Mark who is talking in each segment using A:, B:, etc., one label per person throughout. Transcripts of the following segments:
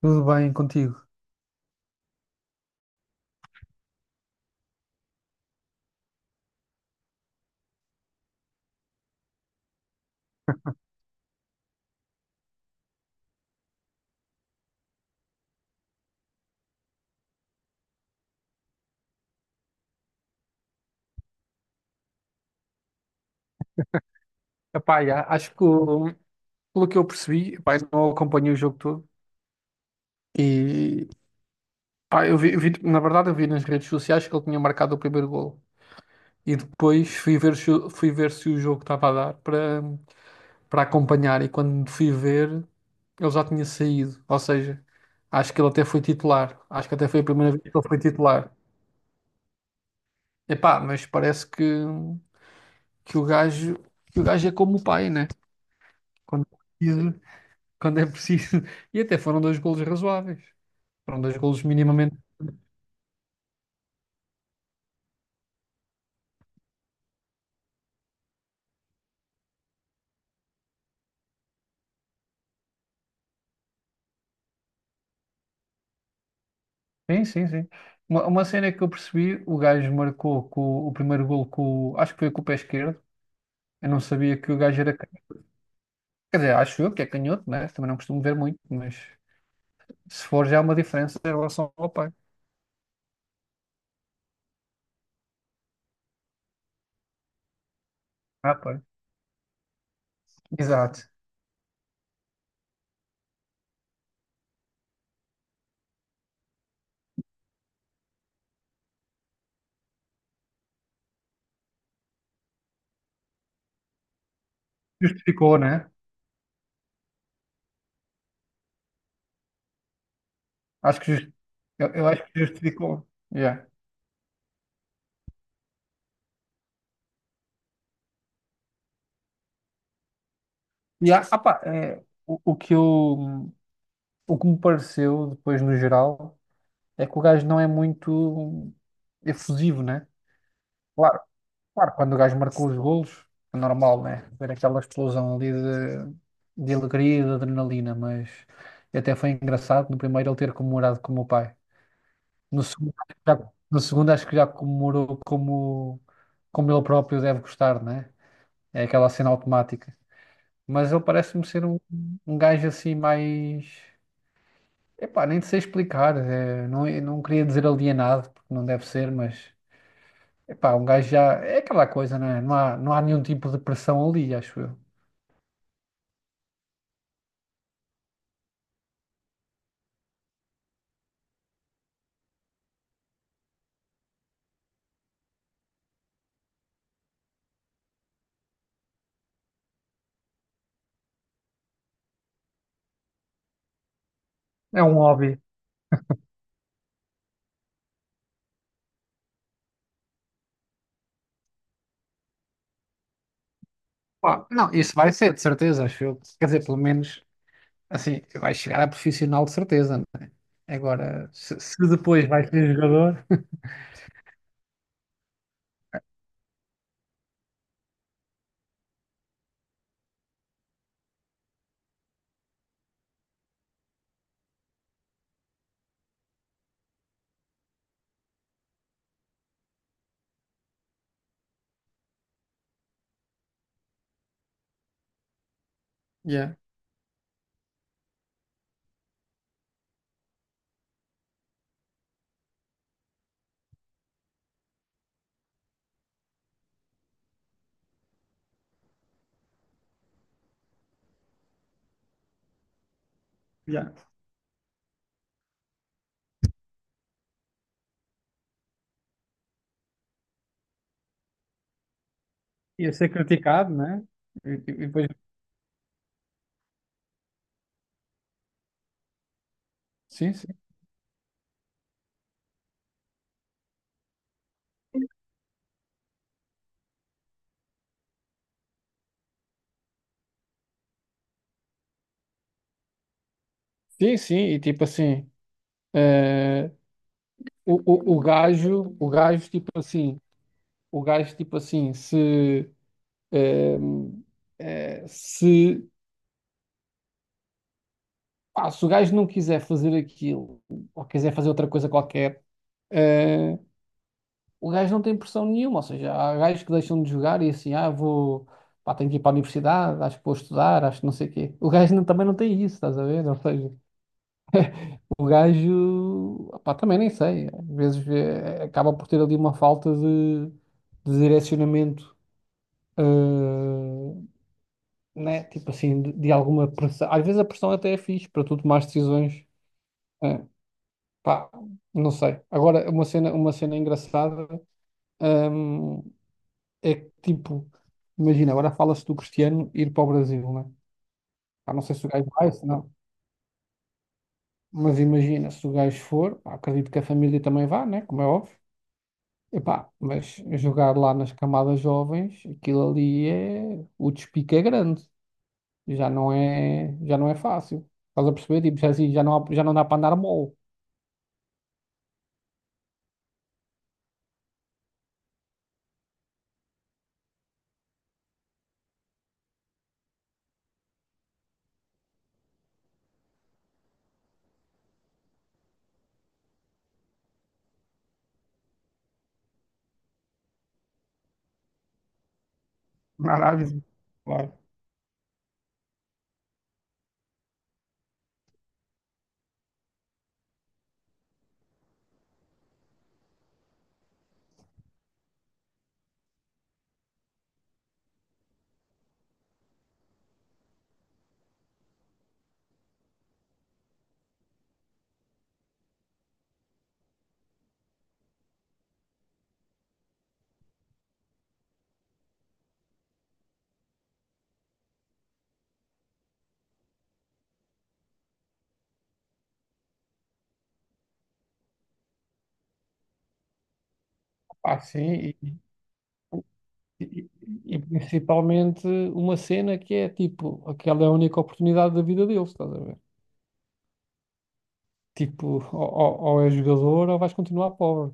A: Tudo bem contigo? Epá, já, acho que pelo que eu percebi, epá, eu não acompanhei o jogo todo e pá, na verdade eu vi nas redes sociais que ele tinha marcado o primeiro gol e depois fui ver se o jogo estava a dar para acompanhar e quando fui ver ele já tinha saído, ou seja, acho que ele até foi titular, acho que até foi a primeira vez que ele foi titular. Epá, mas que o gajo que o gajo é como o pai, né? Quando precisa. Quando é preciso. E até foram dois golos razoáveis. Foram dois golos minimamente. Sim, sim, sim. Uma cena que eu percebi, o gajo marcou com, o primeiro golo com, o- acho que foi com o pé esquerdo. Eu não sabia que o gajo era canhoto. Quer dizer, acho eu que é canhoto, né? Também não costumo ver muito, mas se for já há uma diferença em relação ao pai. Ah, pai. Exato. Justificou, né? Acho que just- eu acho que justificou. Yeah. É, o, o que eu, o que me pareceu depois no geral. É que o gajo não é muito efusivo, né? Claro, claro, quando o gajo marcou os golos, é normal, né? Ver aquela explosão ali de alegria e de adrenalina, mas até foi engraçado no primeiro ele ter comemorado como o pai. No segundo, no segundo acho que já comemorou como ele próprio deve gostar, né? É aquela cena automática. Mas ele parece-me ser um, um gajo assim mais. Epá, nem sei explicar. É, não, eu não queria dizer alienado, porque não deve ser, mas epá, um gajo já. É aquela coisa, né? Não há nenhum tipo de pressão ali, acho eu. É um hobby. Pá, não, isso vai ser, de certeza, acho eu. Quer dizer, pelo menos, assim, vai chegar a profissional, de certeza, né? Agora, se depois vai ser jogador. Yeah, yeah. Ia ser criticado, né? E, e depois... Sim, sim. Sim, sim, e tipo assim. eh, o gajo, tipo assim. O gajo, tipo assim, se. eh, se pá, se o gajo não quiser fazer aquilo ou quiser fazer outra coisa qualquer, eh, o gajo não tem pressão nenhuma. Ou seja, há gajos que deixam de jogar e assim, ah, vou, pá, tenho que ir para a universidade, acho que vou estudar, acho que não sei o quê. O gajo não- também não tem isso, estás a ver? Ou seja, o gajo, pá, também nem sei. Às vezes acaba por ter ali uma falta de direcionamento, eh, né? Tipo assim, de alguma pressão. Às vezes a pressão até é fixe para tu tomar decisões. eh, Pá, não sei. Agora, uma cena engraçada, hum, é que, tipo, imagina, agora fala-se do Cristiano ir para o Brasil, né? Pá, não sei se o gajo vai, se não. Mas imagina, se o gajo for, pá, acredito que a família também vá, né? Como é óbvio. Epá, mas jogar lá nas camadas jovens, aquilo ali é... O despique é grande. Já não é fácil. Estás a perceber? Tipo, já, assim, já não dá para andar mole. Na Arábia. Claro. Pá, sim. E, e principalmente uma cena que é tipo, aquela é a única oportunidade da vida deles, estás a ver? Tipo, ou ou és jogador ou vais continuar pobre.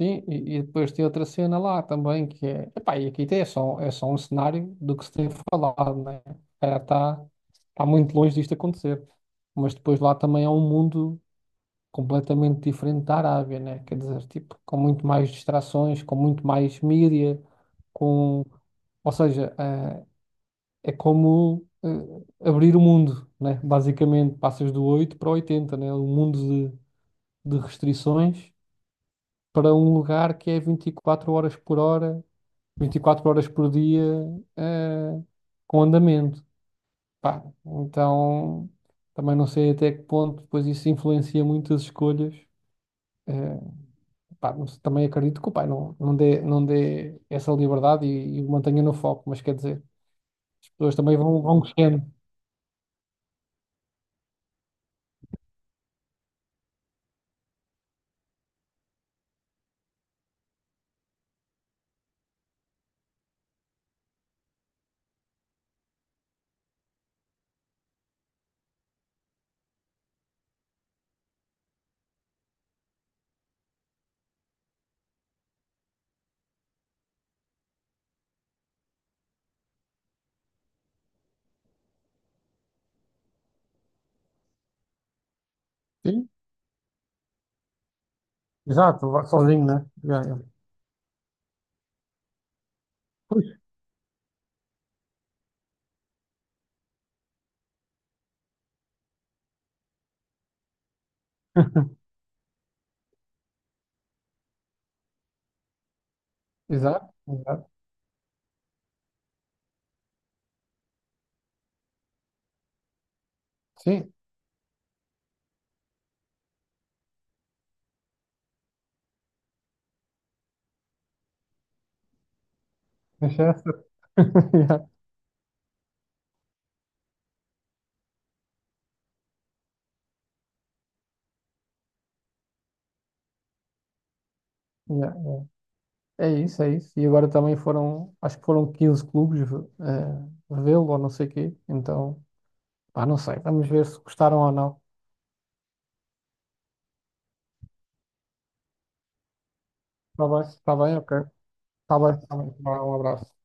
A: Sim, e depois tem outra cena lá também que é, epá, é só um cenário do que se tem falado, né? Cara, está muito longe disto acontecer. Mas depois lá também é um mundo completamente diferente da Arábia, né? Quer dizer, tipo, com muito mais distrações, com muito mais mídia, com. Ou seja, é como abrir o mundo, né? Basicamente, passas do 8 para o 80, né? Um mundo de, de restrições para um lugar que é 24 horas por dia, eh, com andamento. Pá, então, também não sei até que ponto depois isso influencia muito as escolhas. Eh, pá, não sei, também acredito que o pai não dê, não dê essa liberdade e o mantenha no foco, mas quer dizer, as pessoas também vão, vão crescendo. Sim, exato, vá sozinho, né? Já, já. Pois. Exato, exato. Sim, deixa essa. Yeah, yeah. É isso, é isso. E agora também foram, acho que foram 15 clubes vê-lo ou não sei quê. Então, pá, não sei. Vamos ver se gostaram ou não. Está bem, ok. Está bem, está bem. Vá, um abraço.